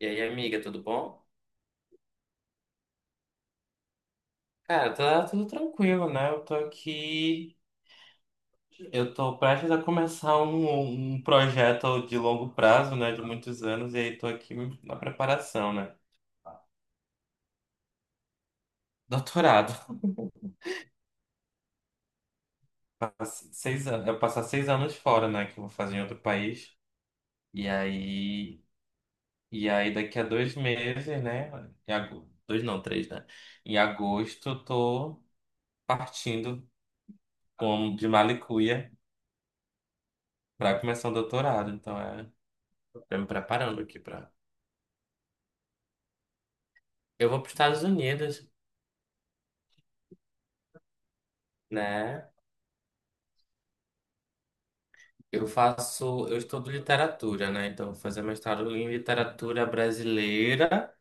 E aí, amiga, tudo bom? Cara, tá tudo tranquilo, né? Eu tô aqui, eu tô prestes a começar um projeto de longo prazo, né? De muitos anos, e aí tô aqui na preparação, né? Doutorado. Seis anos, eu passar seis anos fora, né? Que eu vou fazer em outro país. E aí, e aí daqui a dois meses, né? Em agosto, dois não, três, né? Em agosto, eu tô partindo como de Malicuia pra começar o doutorado. Tô me preparando aqui pra. Eu vou para os Estados Unidos, né? Eu estudo literatura, né? Então, eu vou fazer mestrado em literatura brasileira.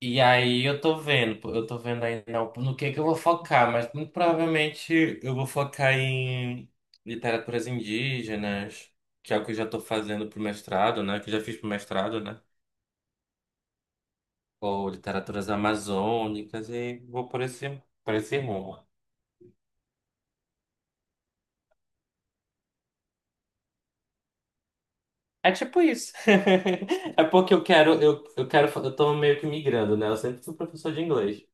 E aí eu tô vendo, pô, eu tô vendo ainda no que eu vou focar, mas muito provavelmente eu vou focar em literaturas indígenas, que é o que eu já tô fazendo pro mestrado, né? Que eu já fiz pro mestrado, né? Ou literaturas amazônicas e vou por por esse rumo. É tipo isso. É porque eu quero, eu quero, eu tô meio que migrando, né? Eu sempre fui professor de inglês.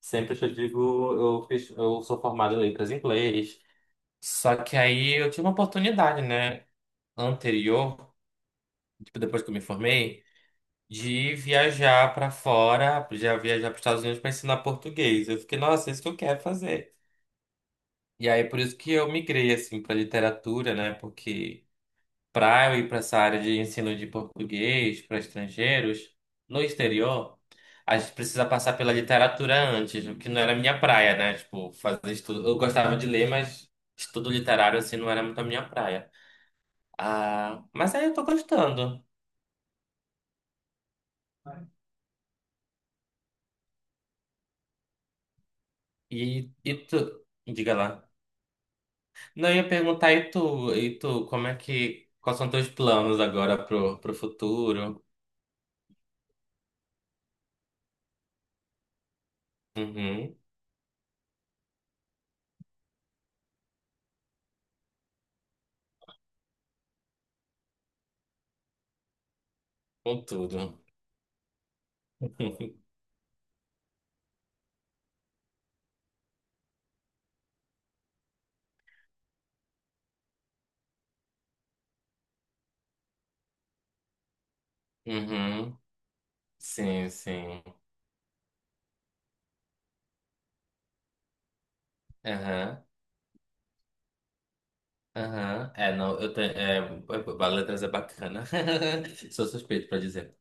Sempre que eu digo, eu sou formado em letras em inglês. Só que aí eu tive uma oportunidade, né, anterior, tipo depois que eu me formei, de viajar pra fora, já viajar para Estados Unidos pra ensinar português. Eu fiquei, nossa, é isso que eu quero fazer. E aí por isso que eu migrei assim pra literatura, né? Porque para eu ir para essa área de ensino de português para estrangeiros no exterior, a gente precisa passar pela literatura antes, o que não era minha praia, né? Tipo, fazer estudo. Eu gostava de ler, mas estudo literário assim não era muito a minha praia. Ah, mas aí eu tô gostando. E tu, diga lá. Não, eu ia perguntar, como é que, quais são teus planos agora pro futuro? Uhum, com tudo. Uhum, sim, sim. Aham. Aham, É, não, eu tenho. É, Letras é bacana. Sou suspeito pra dizer.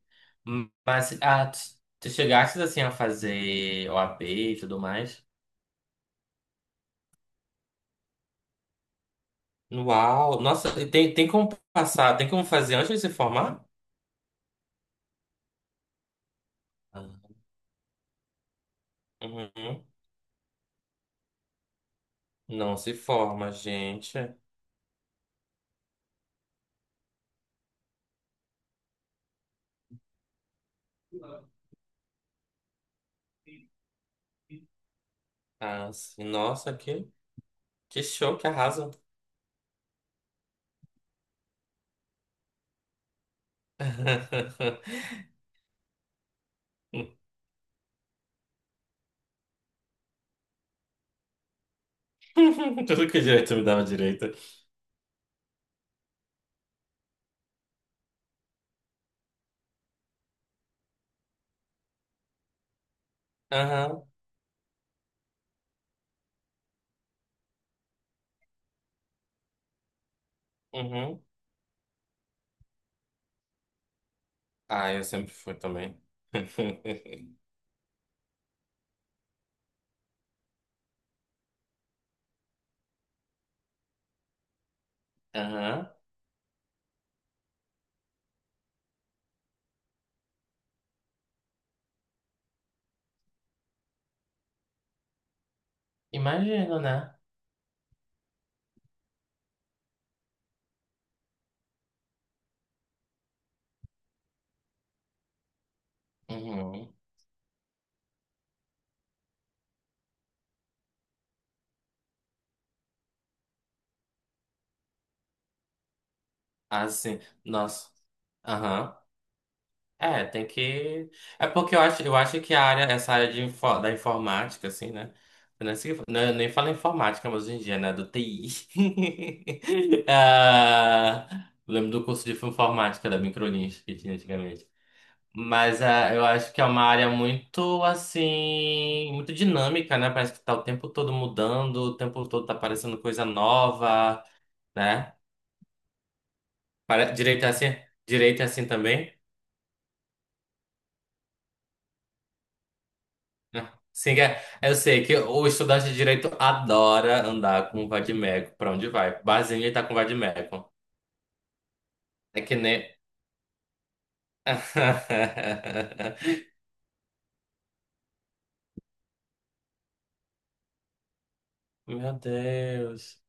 Mas, ah, tu, tu chegaste assim a fazer OAB e tudo mais? Uau! Nossa, tem como passar, tem como fazer antes de se formar? Ah. Uhum. Não se forma, gente. Ah, sim. Que show, que arraso. Tudo que direito me dava direito. Aham, uhum. Ah, eu sempre fui também. Aham. Imagino, né? Uhum. Assim, nossa. Aham. É, tem que. É porque eu acho que essa área de, da informática, assim, né? Eu nem falo informática, mas hoje em dia, né? Do TI. Ah, lembro do curso de informática da Microlins que tinha antigamente. Mas ah, eu acho que é uma área muito, assim, muito dinâmica, né? Parece que tá o tempo todo mudando, o tempo todo tá aparecendo coisa nova, né? Para, direito é assim? Direito é assim também? Ah, sim, é, eu sei que o estudante de direito adora andar com o vade-mecum para onde vai. Barzinho ele tá com o vade-mecum. É que nem. Meu Deus.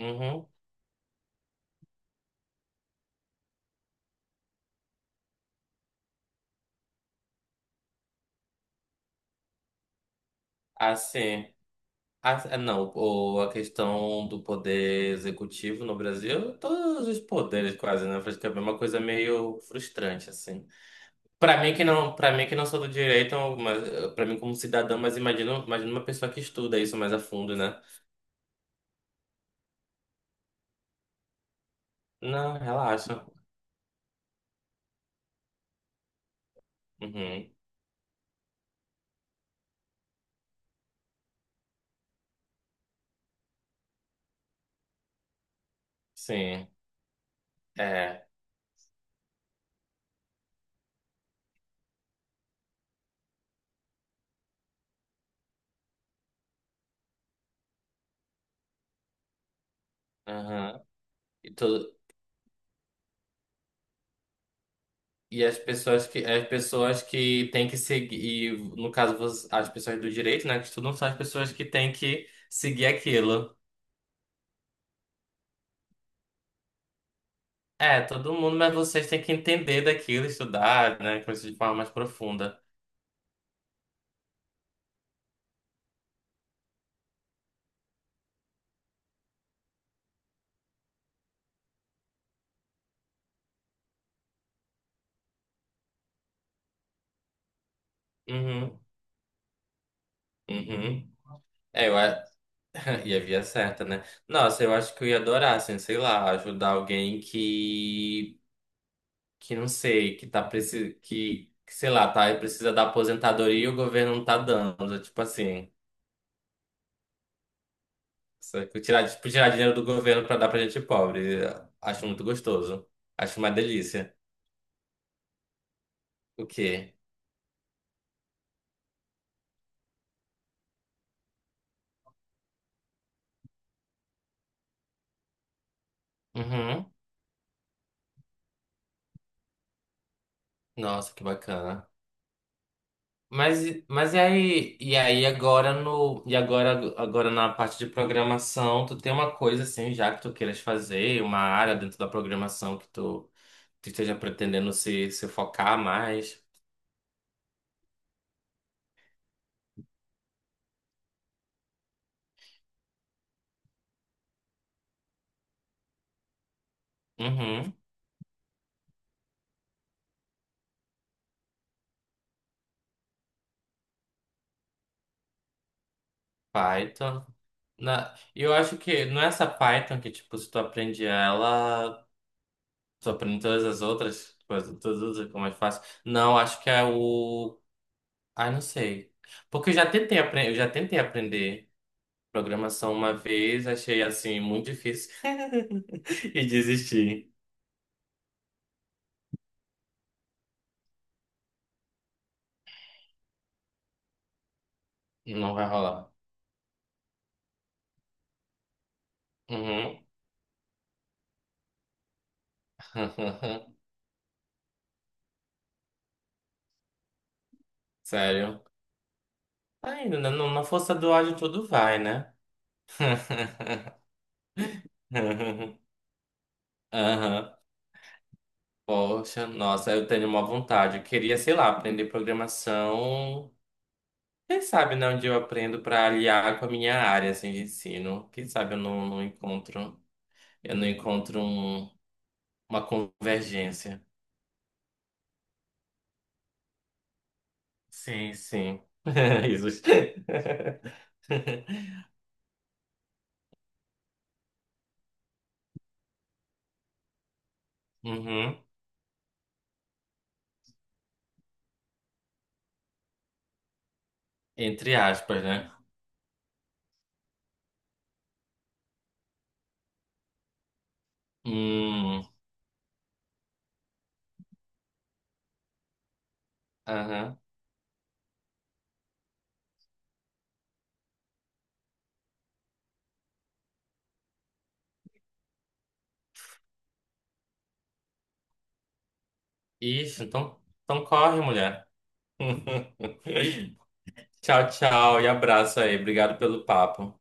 Uhum. Assim. Não, ou a questão do poder executivo no Brasil, todos os poderes quase, né? Acho que é uma coisa meio frustrante, assim. Pra mim que não, para mim que não sou do direito, mas para mim como cidadão, mas imagino uma pessoa que estuda isso mais a fundo, né? Não, relaxa. Uhum. Sim. É. Aham. E tu- e as pessoas que têm que seguir, e, no caso as pessoas do direito, né, que estudam são as pessoas que têm que seguir aquilo. É, todo mundo, mas vocês têm que entender daquilo, estudar, né, coisas de forma mais profunda. Uhum. Uhum. É, eu, a- E a via certa, né? Nossa, eu acho que eu ia adorar, assim, sei lá, ajudar alguém que não sei, que tá precisando, sei lá, tá, precisa da aposentadoria e o governo não tá dando, tipo assim, só que tirar, tipo, tirar dinheiro do governo pra dar pra gente pobre. Acho muito gostoso. Acho uma delícia. O quê? Uhum. Nossa, que bacana. Mas, mas e aí agora no, e agora, agora na parte de programação, tu tem uma coisa assim já que tu queiras fazer, uma área dentro da programação tu esteja pretendendo se focar mais? Uhum, Python. Na, eu acho que não é essa Python que, tipo, se tu aprende ela, tu aprende todas as outras coisas, tudo fica mais fácil. Não, acho que é o... Ai, não sei. Porque eu já tentei, eu já tentei aprender. Programação uma vez, achei assim muito difícil e desisti. Não vai rolar. Uhum. Sério. Ainda na na força do ódio tudo vai, né? Aham. Poxa, nossa, eu tenho uma vontade. Eu queria, sei lá, aprender programação. Quem sabe, né, onde eu aprendo para aliar com a minha área assim, de ensino. Quem sabe eu não, não encontro, eu não encontro uma convergência. Sim, sim. Risos. Uhum. Entre aspas, né? Hum, aham. Ixi, então, então corre, mulher. Tchau, tchau e abraço aí. Obrigado pelo papo.